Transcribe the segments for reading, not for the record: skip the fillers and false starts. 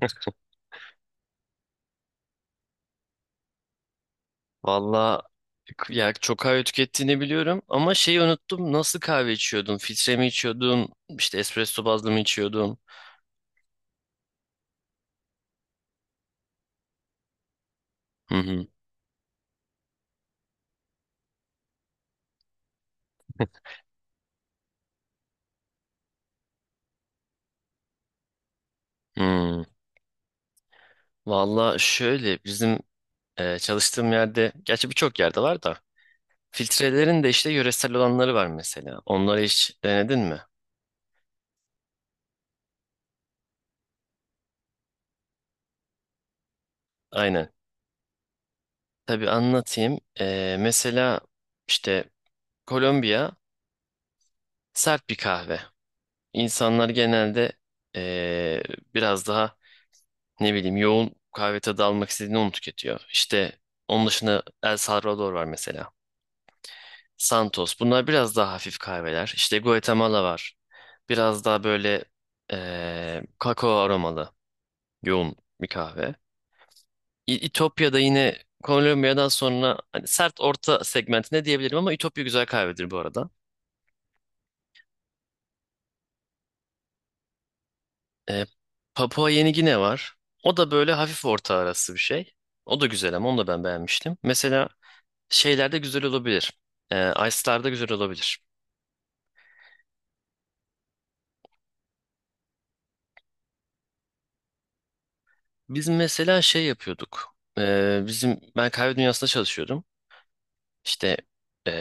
Valla ya, çok kahve tükettiğini biliyorum ama şeyi unuttum. Nasıl kahve içiyordun? Filtre mi içiyordun? İşte espresso bazlı mı içiyordun? Hı hı. Hmm. Valla şöyle bizim çalıştığım yerde, gerçi birçok yerde var da, filtrelerin de işte yöresel olanları var mesela. Onları hiç denedin mi? Aynen. Tabii anlatayım. Mesela işte Kolombiya sert bir kahve. İnsanlar genelde eee, biraz daha, ne bileyim, yoğun kahve tadı almak istediğini onu tüketiyor. İşte onun dışında El Salvador var mesela. Santos. Bunlar biraz daha hafif kahveler. İşte Guatemala var. Biraz daha böyle kakao aromalı yoğun bir kahve. İtopya'da yine Kolombiya'dan sonra hani sert orta segmentine diyebilirim ama İtopya güzel kahvedir bu arada. E, Papua Yeni Gine var. O da böyle hafif orta arası bir şey. O da güzel, ama onu da ben beğenmiştim. Mesela şeylerde güzel olabilir. Ice'larda güzel olabilir. Biz mesela şey yapıyorduk. Bizim ben kahve dünyasında çalışıyordum. İşte e,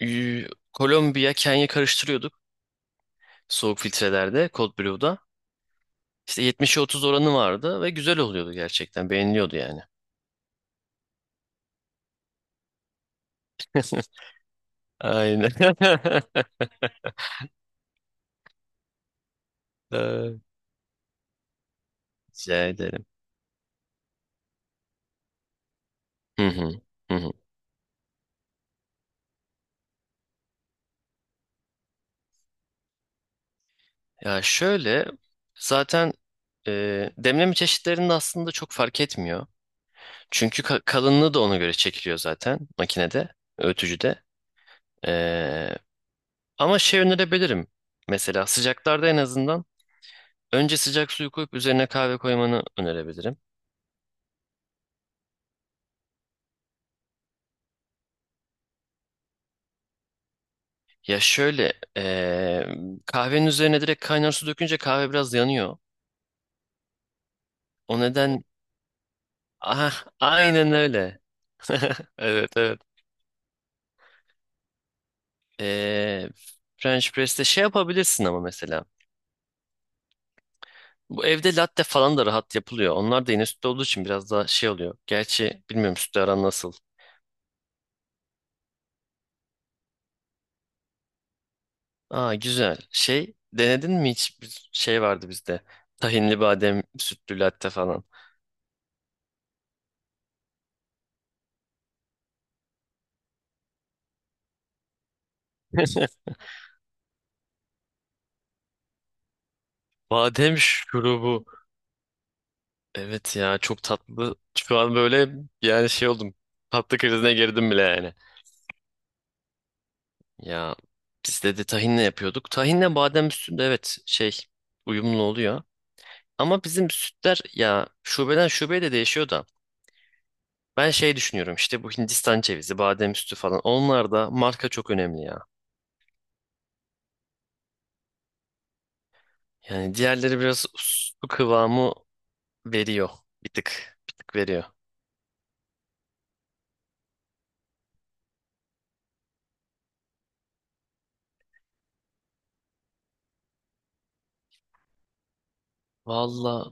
y- Kolombiya, Kenya karıştırıyorduk soğuk filtrelerde, Cold Brew'da. İşte 70'e 30 oranı vardı ve güzel oluyordu gerçekten. Beğeniliyordu yani. Aynen. Ee, Rica ederim. Hı hı. Hı hı. Ya şöyle, zaten demleme çeşitlerinde aslında çok fark etmiyor. Çünkü kalınlığı da ona göre çekiliyor zaten makinede, öğütücüde. E, ama şey önerebilirim. Mesela sıcaklarda en azından önce sıcak suyu koyup üzerine kahve koymanı önerebilirim. Ya şöyle, kahvenin üzerine direkt kaynar su dökünce kahve biraz yanıyor. O neden... Ah, aynen öyle. Evet, evet. E, French press'te şey yapabilirsin ama mesela. Bu evde latte falan da rahat yapılıyor. Onlar da yine sütlü olduğu için biraz daha şey oluyor. Gerçi bilmiyorum, sütlü aran nasıl. Aa, güzel. Şey denedin mi, hiç bir şey vardı bizde. Tahinli badem sütlü latte falan. Badem şurubu. Evet ya, çok tatlı. Şu an böyle, yani şey oldum. Tatlı krizine girdim bile yani. Ya biz de, tahinle yapıyorduk. Tahinle badem üstünde, evet, şey uyumlu oluyor. Ama bizim sütler ya, şubeden şubeye de değişiyor da. Ben şey düşünüyorum, işte bu Hindistan cevizi, badem üstü falan, onlar da marka çok önemli ya. Yani diğerleri biraz su kıvamı veriyor. Bir tık, bir tık veriyor. Valla,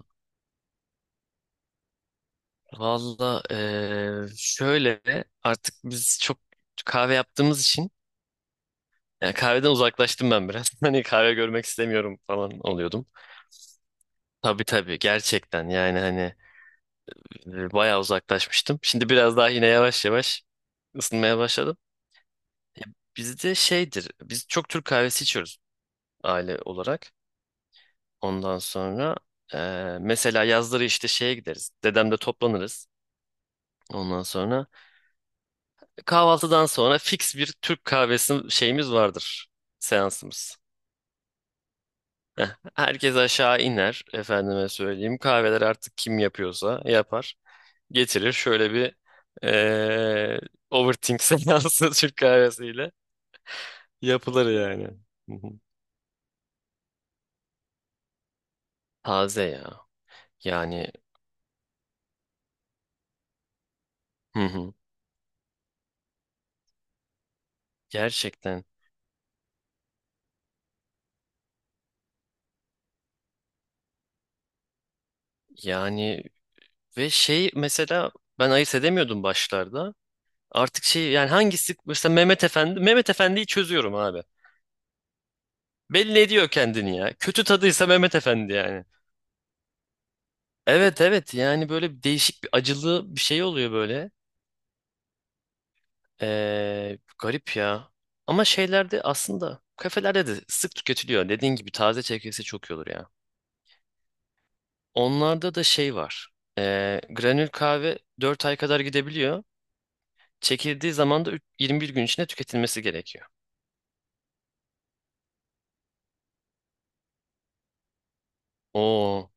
valla şöyle, artık biz çok kahve yaptığımız için yani kahveden uzaklaştım ben biraz. Hani kahve görmek istemiyorum falan oluyordum. Tabii tabii, gerçekten yani, hani bayağı uzaklaşmıştım. Şimdi biraz daha yine yavaş yavaş ısınmaya başladım. Bizde şeydir, biz çok Türk kahvesi içiyoruz, aile olarak. Ondan sonra mesela yazları işte şeye gideriz. Dedemde toplanırız. Ondan sonra kahvaltıdan sonra fix bir Türk kahvesi şeyimiz vardır. Seansımız. Herkes aşağı iner. Efendime söyleyeyim, kahveler artık kim yapıyorsa yapar. Getirir, şöyle bir eee overthink seansı Türk kahvesiyle yapılır yani. Hı hı. Taze ya. Yani, hı hı. Gerçekten yani. Ve şey mesela, ben ayırt edemiyordum başlarda. Artık şey, yani hangisi mesela Mehmet Efendi, Mehmet Efendi'yi çözüyorum abi. Belli ediyor kendini ya. Kötü tadıysa Mehmet Efendi yani. Evet, evet, yani böyle bir değişik bir acılı bir şey oluyor böyle. Garip ya. Ama şeylerde aslında, kafelerde de sık tüketiliyor. Dediğin gibi taze çekilse çok iyi olur ya. Onlarda da şey var. Granül kahve 4 ay kadar gidebiliyor. Çekildiği zaman da 21 gün içinde tüketilmesi gerekiyor. Oo.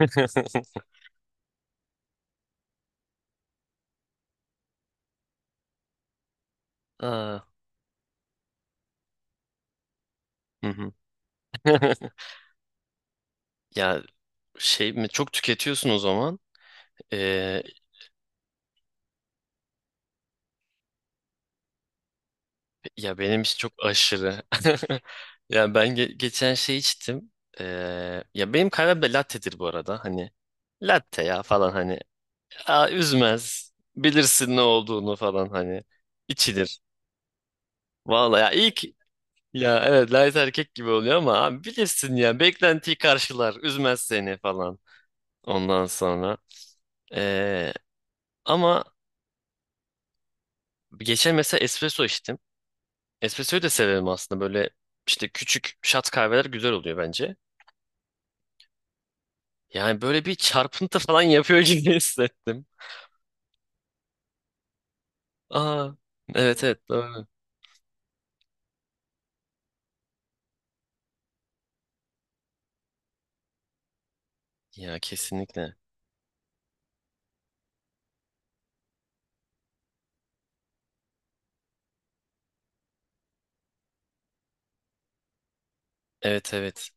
Aa. Hı hı. Ya şey mi çok tüketiyorsun o zaman? Ee, ya benim için çok aşırı. Ya ben geçen şey içtim. Ee, ya benim kahvem de latte'dir bu arada. Hani latte ya falan, hani. Aa, üzmez. Bilirsin ne olduğunu falan hani. İçilir. Vallahi ya, ilk, ya, evet, light erkek gibi oluyor ama abi bilirsin ya, beklentiyi karşılar. Üzmez seni falan. Ondan sonra. Ee, ama geçen mesela espresso içtim. Espressoyu da severim aslında. Böyle işte küçük shot kahveler güzel oluyor bence. Yani böyle bir çarpıntı falan yapıyor gibi hissettim. Aa, evet, evet, doğru. Ya kesinlikle. Evet, evet.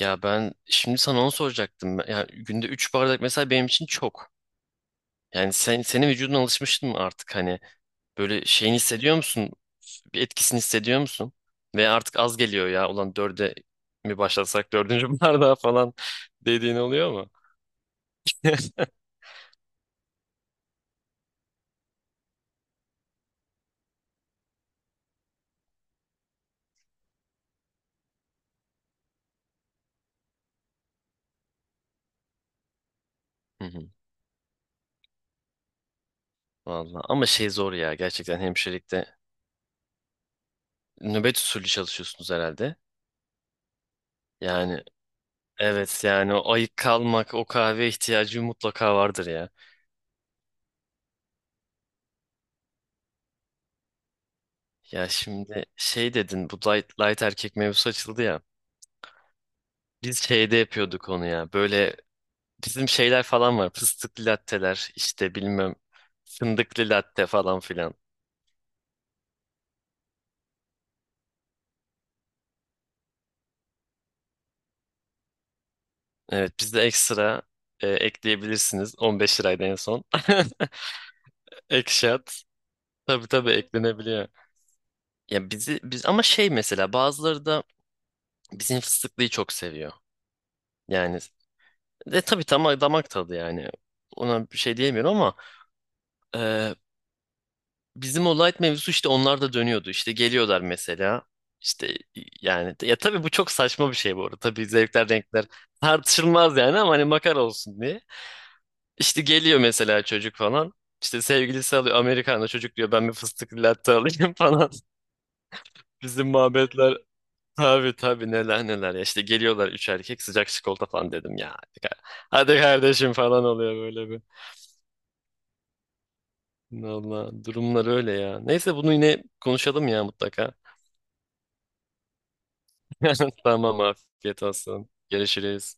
Ya ben şimdi sana onu soracaktım. Ya günde 3 bardak mesela benim için çok. Yani senin vücudun alışmıştın mı artık hani, böyle şeyini hissediyor musun? Bir etkisini hissediyor musun? Ve artık az geliyor ya. Ulan, dörde mi başlasak, dördüncü bardağa falan dediğin oluyor. Hı hı. Vallahi, ama şey zor ya, gerçekten hemşirelikte nöbet usulü çalışıyorsunuz herhalde. Yani, evet yani, o ayık kalmak, o kahve ihtiyacı mutlaka vardır ya. Ya şimdi şey dedin, bu light erkek mevzusu açıldı ya. Biz şeyde yapıyorduk onu ya, böyle bizim şeyler falan var, fıstıklı latteler işte, bilmem fındıklı latte falan filan. Evet, bizde ekstra ekleyebilirsiniz, 15 liraydı en son. Ekşat, tabii tabii eklenebiliyor. Ya biz ama şey, mesela bazıları da bizim fıstıklıyı çok seviyor. Yani, de tabii, tam damak tadı yani. Ona bir şey diyemiyorum ama e, bizim o light mevzusu, işte onlar da dönüyordu. İşte geliyorlar mesela. İşte yani, ya tabii bu çok saçma bir şey bu arada. Tabii zevkler renkler tartışılmaz yani, ama hani makar olsun diye. İşte geliyor mesela çocuk falan. İşte sevgilisi alıyor Amerikan'da, çocuk diyor, ben bir fıstıklı latte alayım falan. Bizim muhabbetler. Tabii tabii neler neler ya, işte geliyorlar üç erkek, sıcak çikolata falan dedim ya. Hadi, hadi kardeşim falan oluyor, böyle bir. Valla, durumlar öyle ya. Neyse, bunu yine konuşalım ya mutlaka. Tamam, afiyet olsun. Görüşürüz.